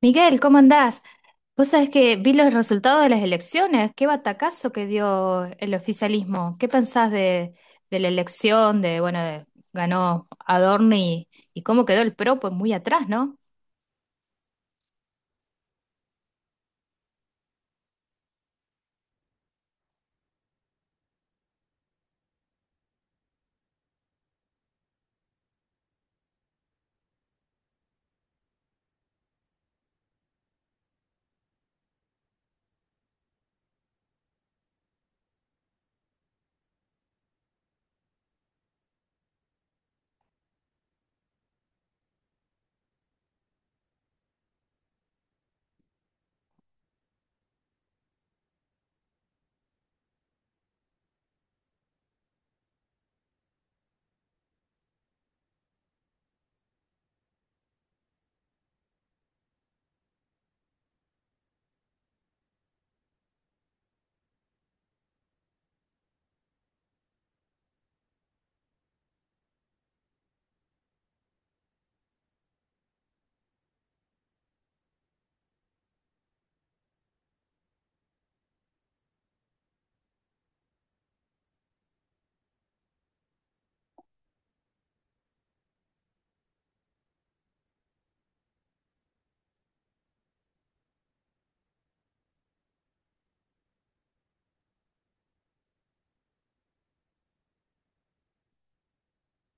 Miguel, ¿cómo andás? Vos sabés que vi los resultados de las elecciones, qué batacazo que dio el oficialismo. ¿Qué pensás de la elección, de, bueno, ganó Adorno y cómo quedó el PRO? Pues muy atrás, ¿no?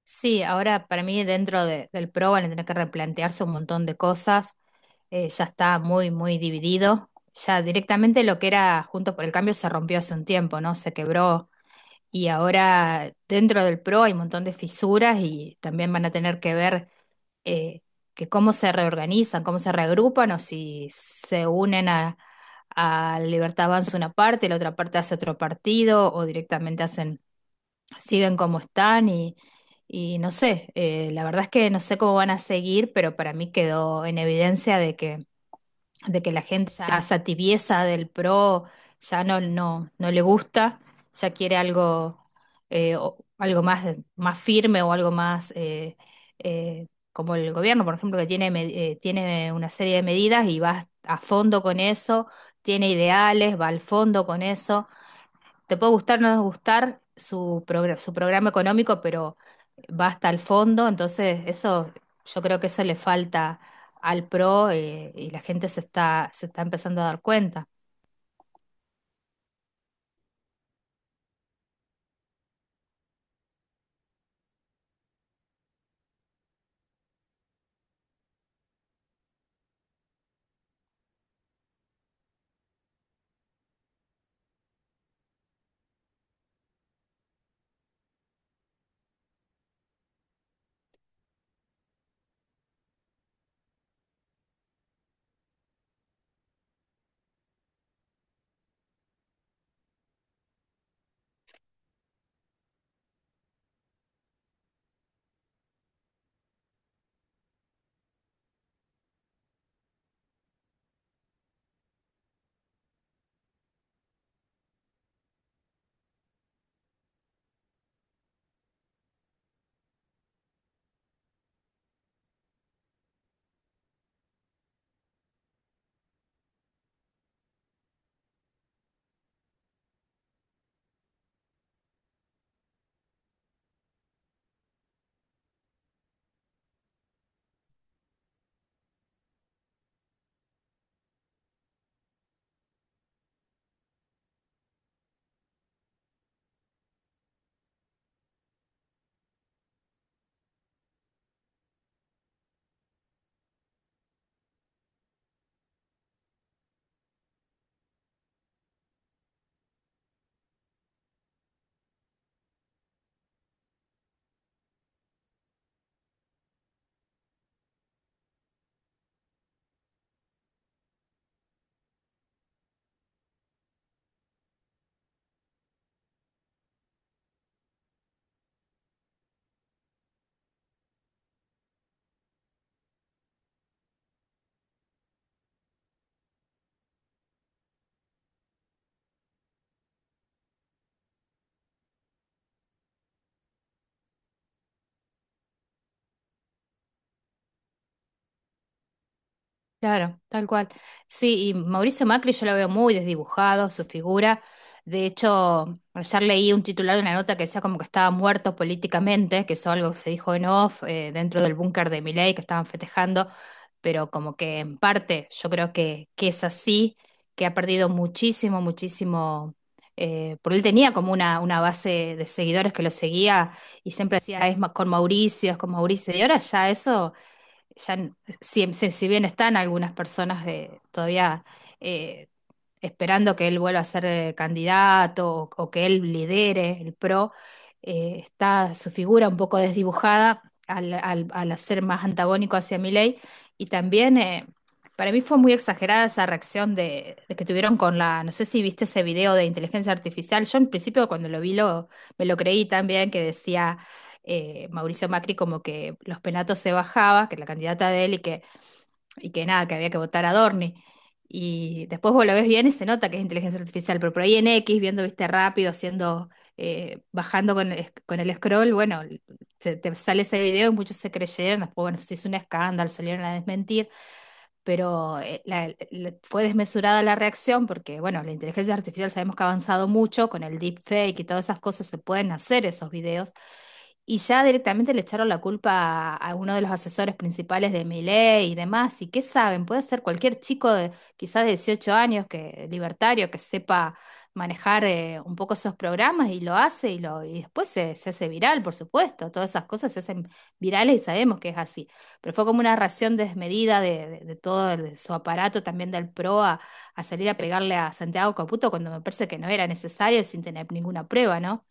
Sí, ahora para mí del PRO van a tener que replantearse un montón de cosas. Ya está muy dividido. Ya directamente lo que era Juntos por el Cambio se rompió hace un tiempo, ¿no? Se quebró. Y ahora dentro del PRO hay un montón de fisuras y también van a tener que ver eh, que cómo se reorganizan, cómo se reagrupan o si se unen a Libertad Avanza una parte, la otra parte hace otro partido o directamente hacen, siguen como están y no sé, la verdad es que no sé cómo van a seguir, pero para mí quedó en evidencia de que la gente ya esa tibieza del pro ya no le gusta, ya quiere algo, algo más, más firme o algo más eh, como el gobierno, por ejemplo, que tiene una serie de medidas y va a fondo con eso, tiene ideales, va al fondo con eso. Te puede gustar o no gustar su programa económico, pero va hasta el fondo, entonces eso, yo creo que eso le falta al PRO , y la gente se está empezando a dar cuenta. Claro, tal cual. Sí, y Mauricio Macri yo lo veo muy desdibujado, su figura. De hecho, ayer leí un titular de una nota que decía como que estaba muerto políticamente, que eso algo que se dijo en off, dentro del búnker de Milei, que estaban festejando, pero como que en parte yo creo que es así, que ha perdido muchísimo, muchísimo, porque él tenía como una base de seguidores que lo seguía y siempre decía, con Mauricio, es con Mauricio, y ahora ya eso ya, n- si bien están algunas personas de, todavía eh, esperando que él vuelva a ser candidato o que él lidere el PRO, está su figura un poco desdibujada al hacer más antagónico hacia Milei. Y también para mí fue muy exagerada esa reacción de que tuvieron con la, no sé si viste ese video de inteligencia artificial. Yo en principio cuando lo vi, me lo creí también que decía... Mauricio Macri como que los penatos se bajaba, que la candidata de él y que nada, que había que votar a Dorni. Y después vos lo ves bien y se nota que es inteligencia artificial, pero por ahí en X, viendo, viste, rápido, haciendo, bajando con el scroll, bueno, te sale ese video y muchos se creyeron, después, bueno, se hizo un escándalo, salieron a desmentir, pero fue desmesurada la reacción porque, bueno, la inteligencia artificial sabemos que ha avanzado mucho con el deepfake y todas esas cosas, se pueden hacer esos videos, y ya directamente le echaron la culpa a uno de los asesores principales de Milei y demás. ¿Y qué saben? Puede ser cualquier chico de quizás de 18 años, que libertario, que sepa manejar un poco esos programas y lo hace y después se hace viral, por supuesto. Todas esas cosas se hacen virales y sabemos que es así. Pero fue como una ración desmedida de todo de su aparato, también del PRO, a salir a pegarle a Santiago Caputo cuando me parece que no era necesario sin tener ninguna prueba, ¿no?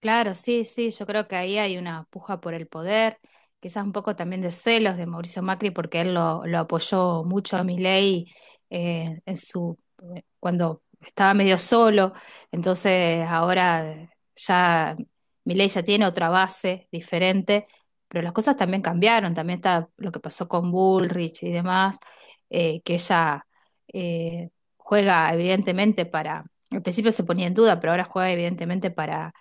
Claro, sí, sí, yo creo que ahí hay una puja por el poder, quizás un poco también de celos de Mauricio Macri, porque él lo apoyó mucho a Milei eh, en su, cuando estaba medio solo, entonces ahora ya Milei ya tiene otra base diferente, pero las cosas también cambiaron, también está lo que pasó con Bullrich y demás, que ella eh, juega evidentemente para, al principio se ponía en duda, pero ahora juega evidentemente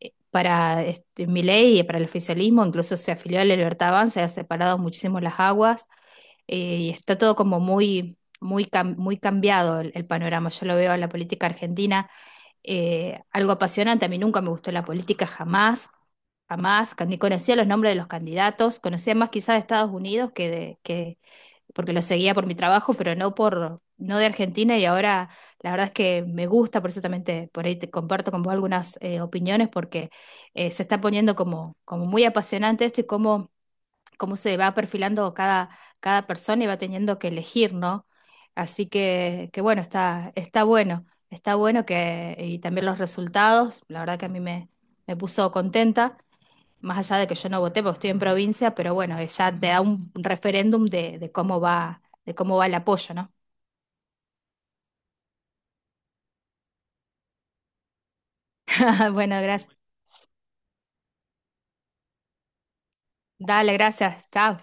para este, Milei y para el oficialismo, incluso se afilió a la Libertad Avanza, ha separado muchísimo las aguas, y está todo como muy cambiado el panorama. Yo lo veo en la política argentina, algo apasionante. A mí nunca me gustó la política, jamás, jamás. Ni conocía los nombres de los candidatos, conocía más quizás de Estados Unidos que de, que porque lo seguía por mi trabajo, pero no de Argentina, y ahora la verdad es que me gusta, por eso también por ahí te comparto con vos algunas opiniones, porque se está poniendo como, como muy apasionante esto y cómo se va perfilando cada persona y va teniendo que elegir, ¿no? Así que bueno, está bueno, está bueno que, y también los resultados, la verdad que a me puso contenta más allá de que yo no voté porque estoy en provincia, pero bueno, ya te da un referéndum de cómo va el apoyo, ¿no? Bueno, gracias. Dale, gracias. Chao.